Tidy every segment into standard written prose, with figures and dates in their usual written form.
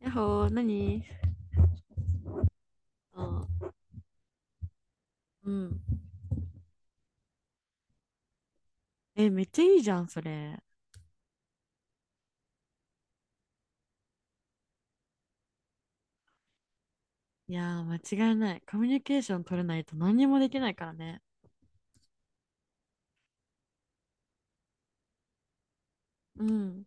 やっほー、何そうん。え、めっちゃいいじゃん、それ。いやー、間違いない。コミュニケーション取れないと何にもできないからね。うん。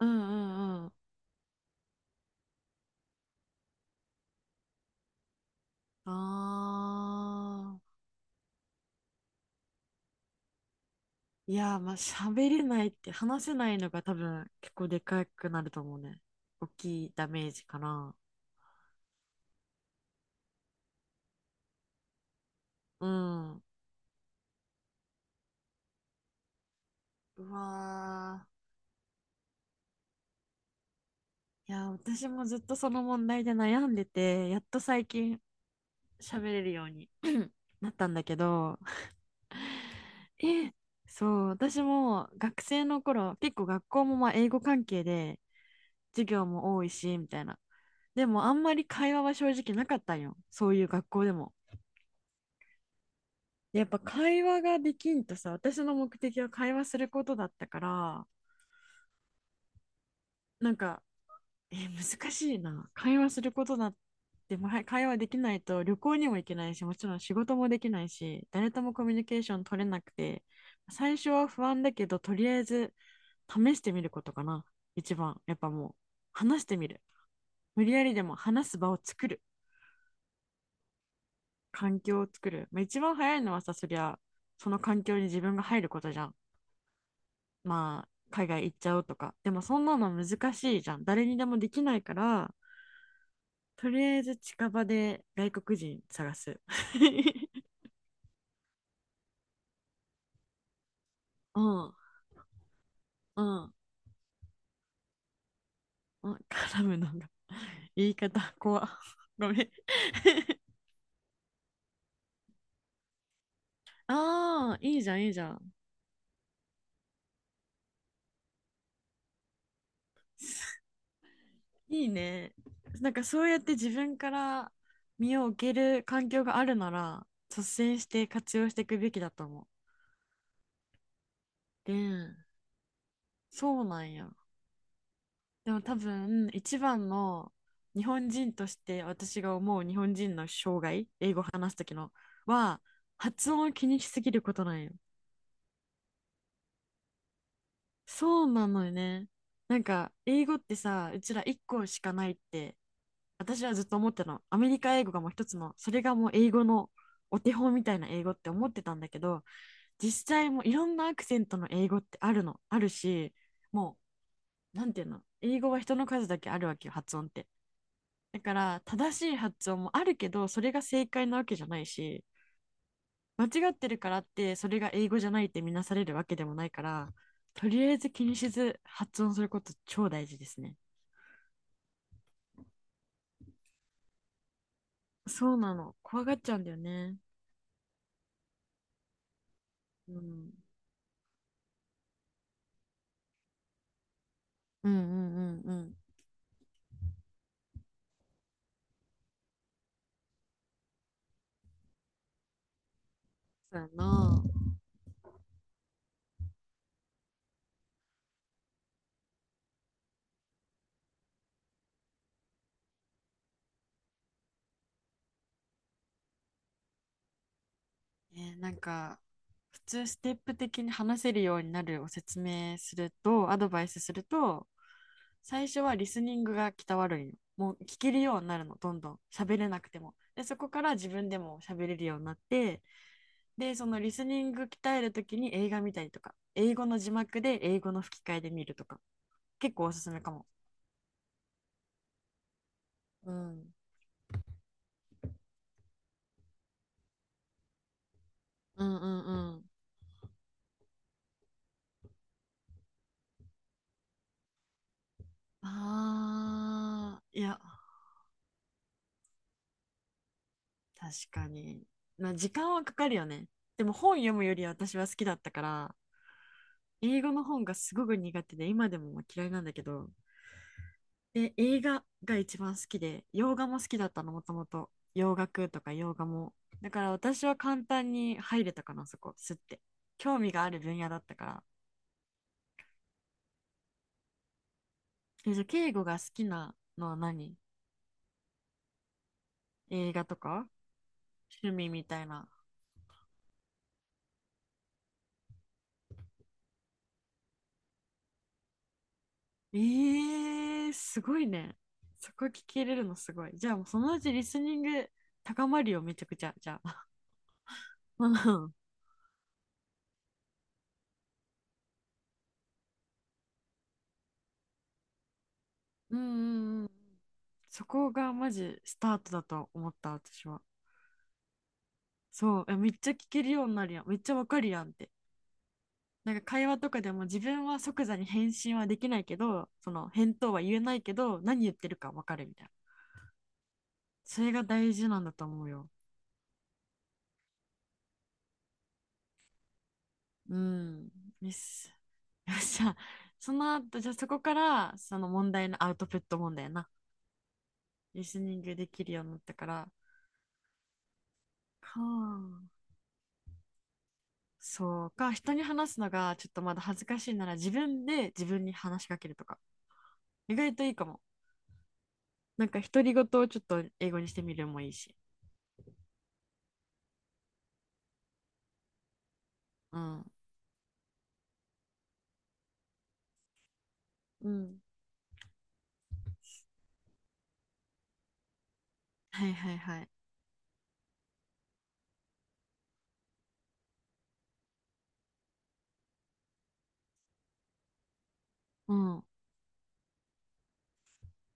うんうんうん。あー。いやー、まあ、喋れないって話せないのが多分結構でかくなると思うね。大きいダメージかな。うん。うわー。いやー、私もずっとその問題で悩んでて、やっと最近喋れるように なったんだけど、え、そう、私も学生の頃、結構学校もまあ英語関係で授業も多いし、みたいな。でもあんまり会話は正直なかったんよ、そういう学校でも。でやっぱ会話ができんとさ、私の目的は会話することだったから、なんか難しいな。会話することだって、まあ会話できないと旅行にも行けないし、もちろん仕事もできないし、誰ともコミュニケーション取れなくて、最初は不安だけど、とりあえず試してみることかな。一番、やっぱもう、話してみる。無理やりでも話す場を作る。環境を作る。まあ、一番早いのはさ、そりゃ、その環境に自分が入ることじゃん。まあ、海外行っちゃうとか。でもそんなの難しいじゃん、誰にでもできないから。とりあえず近場で外国人探す。うんうんうん、絡むのが言い方怖っ。 ごめん。ああ、いいじゃんいいじゃん。いいね。なんかそうやって自分から身を置ける環境があるなら率先して活用していくべきだと思う。でそうなんや。でも多分一番の、日本人として私が思う日本人の障害、英語話すときのは、発音を気にしすぎることなんよ。そうなのよね。なんか英語ってさ、うちら1個しかないって私はずっと思ってたの。アメリカ英語がもう一つの、それがもう英語のお手本みたいな英語って思ってたんだけど、実際もういろんなアクセントの英語ってあるの、あるし、もうなんていうの、英語は人の数だけあるわけよ、発音って。だから正しい発音もあるけどそれが正解なわけじゃないし、間違ってるからってそれが英語じゃないって見なされるわけでもないから、とりあえず気にせず発音すること超大事ですね。そうなの、怖がっちゃうんだよね。うん、うんうんうんうん。そうやな。えーなんか普通ステップ的に話せるようになるを説明するとアドバイスすると、最初はリスニングが鍛わるんよ。もう聞けるようになるの、どんどん。喋れなくても。で、そこから自分でも喋れるようになって、で、そのリスニング鍛えるときに映画見たりとか、英語の字幕で英語の吹き替えで見るとか、結構おすすめかも。うん。うんうんうん。ああ、いや、確かに。まあ、時間はかかるよね。でも本読むよりは私は好きだったから、英語の本がすごく苦手で、今でもまあ嫌いなんだけど、で、映画が一番好きで、洋画も好きだったの、もともと。洋楽とか洋画も。だから私は簡単に入れたかな、そこ、すって。興味がある分野だったから。え、じゃあ、敬語が好きなのは何、映画とか趣味みたいな。えー、すごいね。そこ聞けれるのすごい。じゃあ、もうそのうちリスニング高まるよ、めちゃくちゃ。じゃあ。うんうんうん。そこがマジスタートだと思った、私は。そう、えめっちゃ聞けるようになるやん。めっちゃわかるやんって。なんか会話とかでも自分は即座に返信はできないけど、その返答は言えないけど、何言ってるかわかるみたいな。それが大事なんだと思うよ。うん。よし。よっしゃ。その後、じゃあそこから、その問題のアウトプット問題やな。リスニングできるようになったから。かあ。そうか。人に話すのがちょっとまだ恥ずかしいなら自分で自分に話しかけるとか。意外といいかも。なんか独り言をちょっと英語にしてみるもいいし。うん。うん。はいはいはい。うん。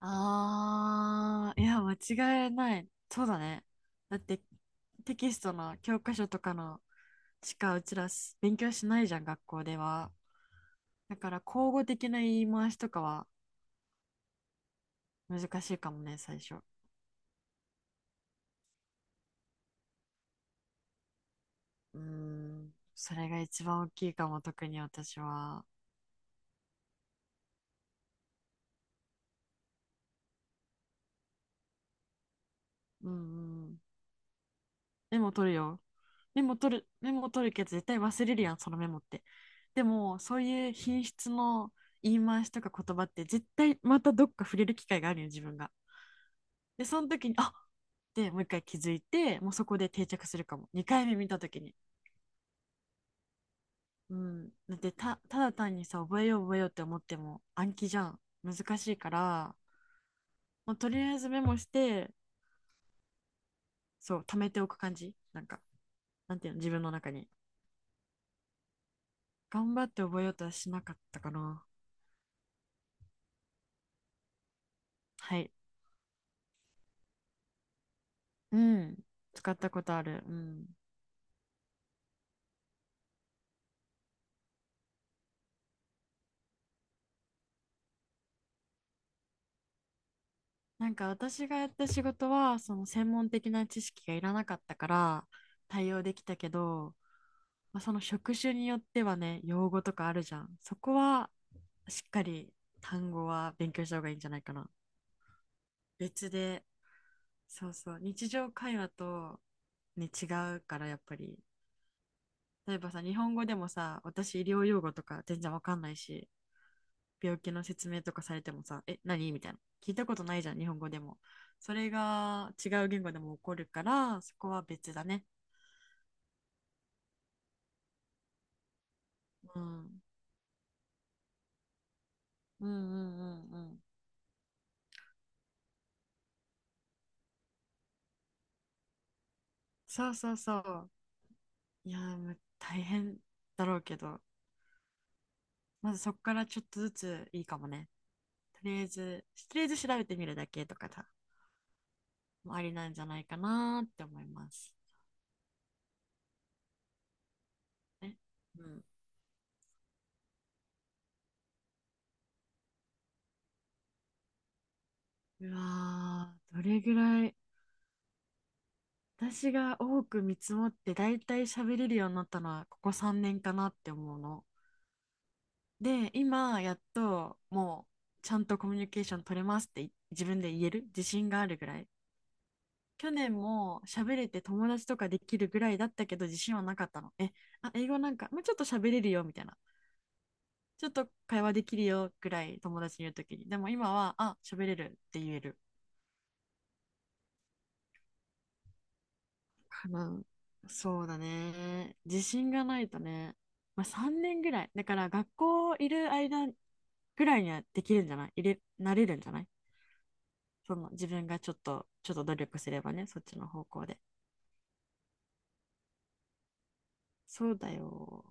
あー、いや、間違いない。そうだね。だって、テキストの教科書とかのしかうちらす勉強しないじゃん、学校では。だから、口語的な言い回しとかは難しいかもね、最初。うーん、それが一番大きいかも、特に私は。うんうん。メモ取るよ。メモ取る、メモ取るけど絶対忘れるやん、そのメモって。でも、そういう品質の言い回しとか言葉って絶対またどっか触れる機会があるよ、自分が。で、その時に、あっってもう一回気づいて、もうそこで定着するかも、2回目見た時に。うん。だってた、ただ単にさ、覚えよう覚えようって思っても暗記じゃん。難しいから、もうとりあえずメモして、そう、貯めておく感じ。なんか、なんていうの、自分の中に。頑張って覚えようとはしなかったかな。はい。うん、使ったことある。うん。なんか私がやった仕事は、その専門的な知識がいらなかったから対応できたけど、まあ、その職種によってはね、用語とかあるじゃん。そこはしっかり単語は勉強した方がいいんじゃないかな、別で。そうそう、日常会話とね、違うからやっぱり。例えばさ、日本語でもさ、私医療用語とか全然わかんないし、病気の説明とかされてもさ、え、何みたいな。聞いたことないじゃん、日本語でも。それが違う言語でも起こるから、そこは別だね。うん。うんうんうんうん。そうそうそう。いやー、ま大変だろうけど、まずそこからちょっとずついいかもね。とりあえず、とりあえず調べてみるだけとかさ、もありなんじゃないかなーって思います。ね。うん。うわー、どれぐらい、私が多く見積もってだいたい喋れるようになったのはここ3年かなって思うの。で、今やっともうちゃんとコミュニケーション取れますって自分で言える自信があるぐらい。去年も喋れて友達とかできるぐらいだったけど自信はなかったの。え、あ、英語なんかもうちょっと喋れるよみたいな。ちょっと会話できるよぐらい友達に言うときに。でも今は、あ、喋れるって言える。かな。そうだね。自信がないとね。まあ、3年ぐらい。だから学校いる間ぐらいにはできるんじゃない、いれ、なれるんじゃない、その自分がちょっと、ちょっと努力すればね、そっちの方向で。そうだよ。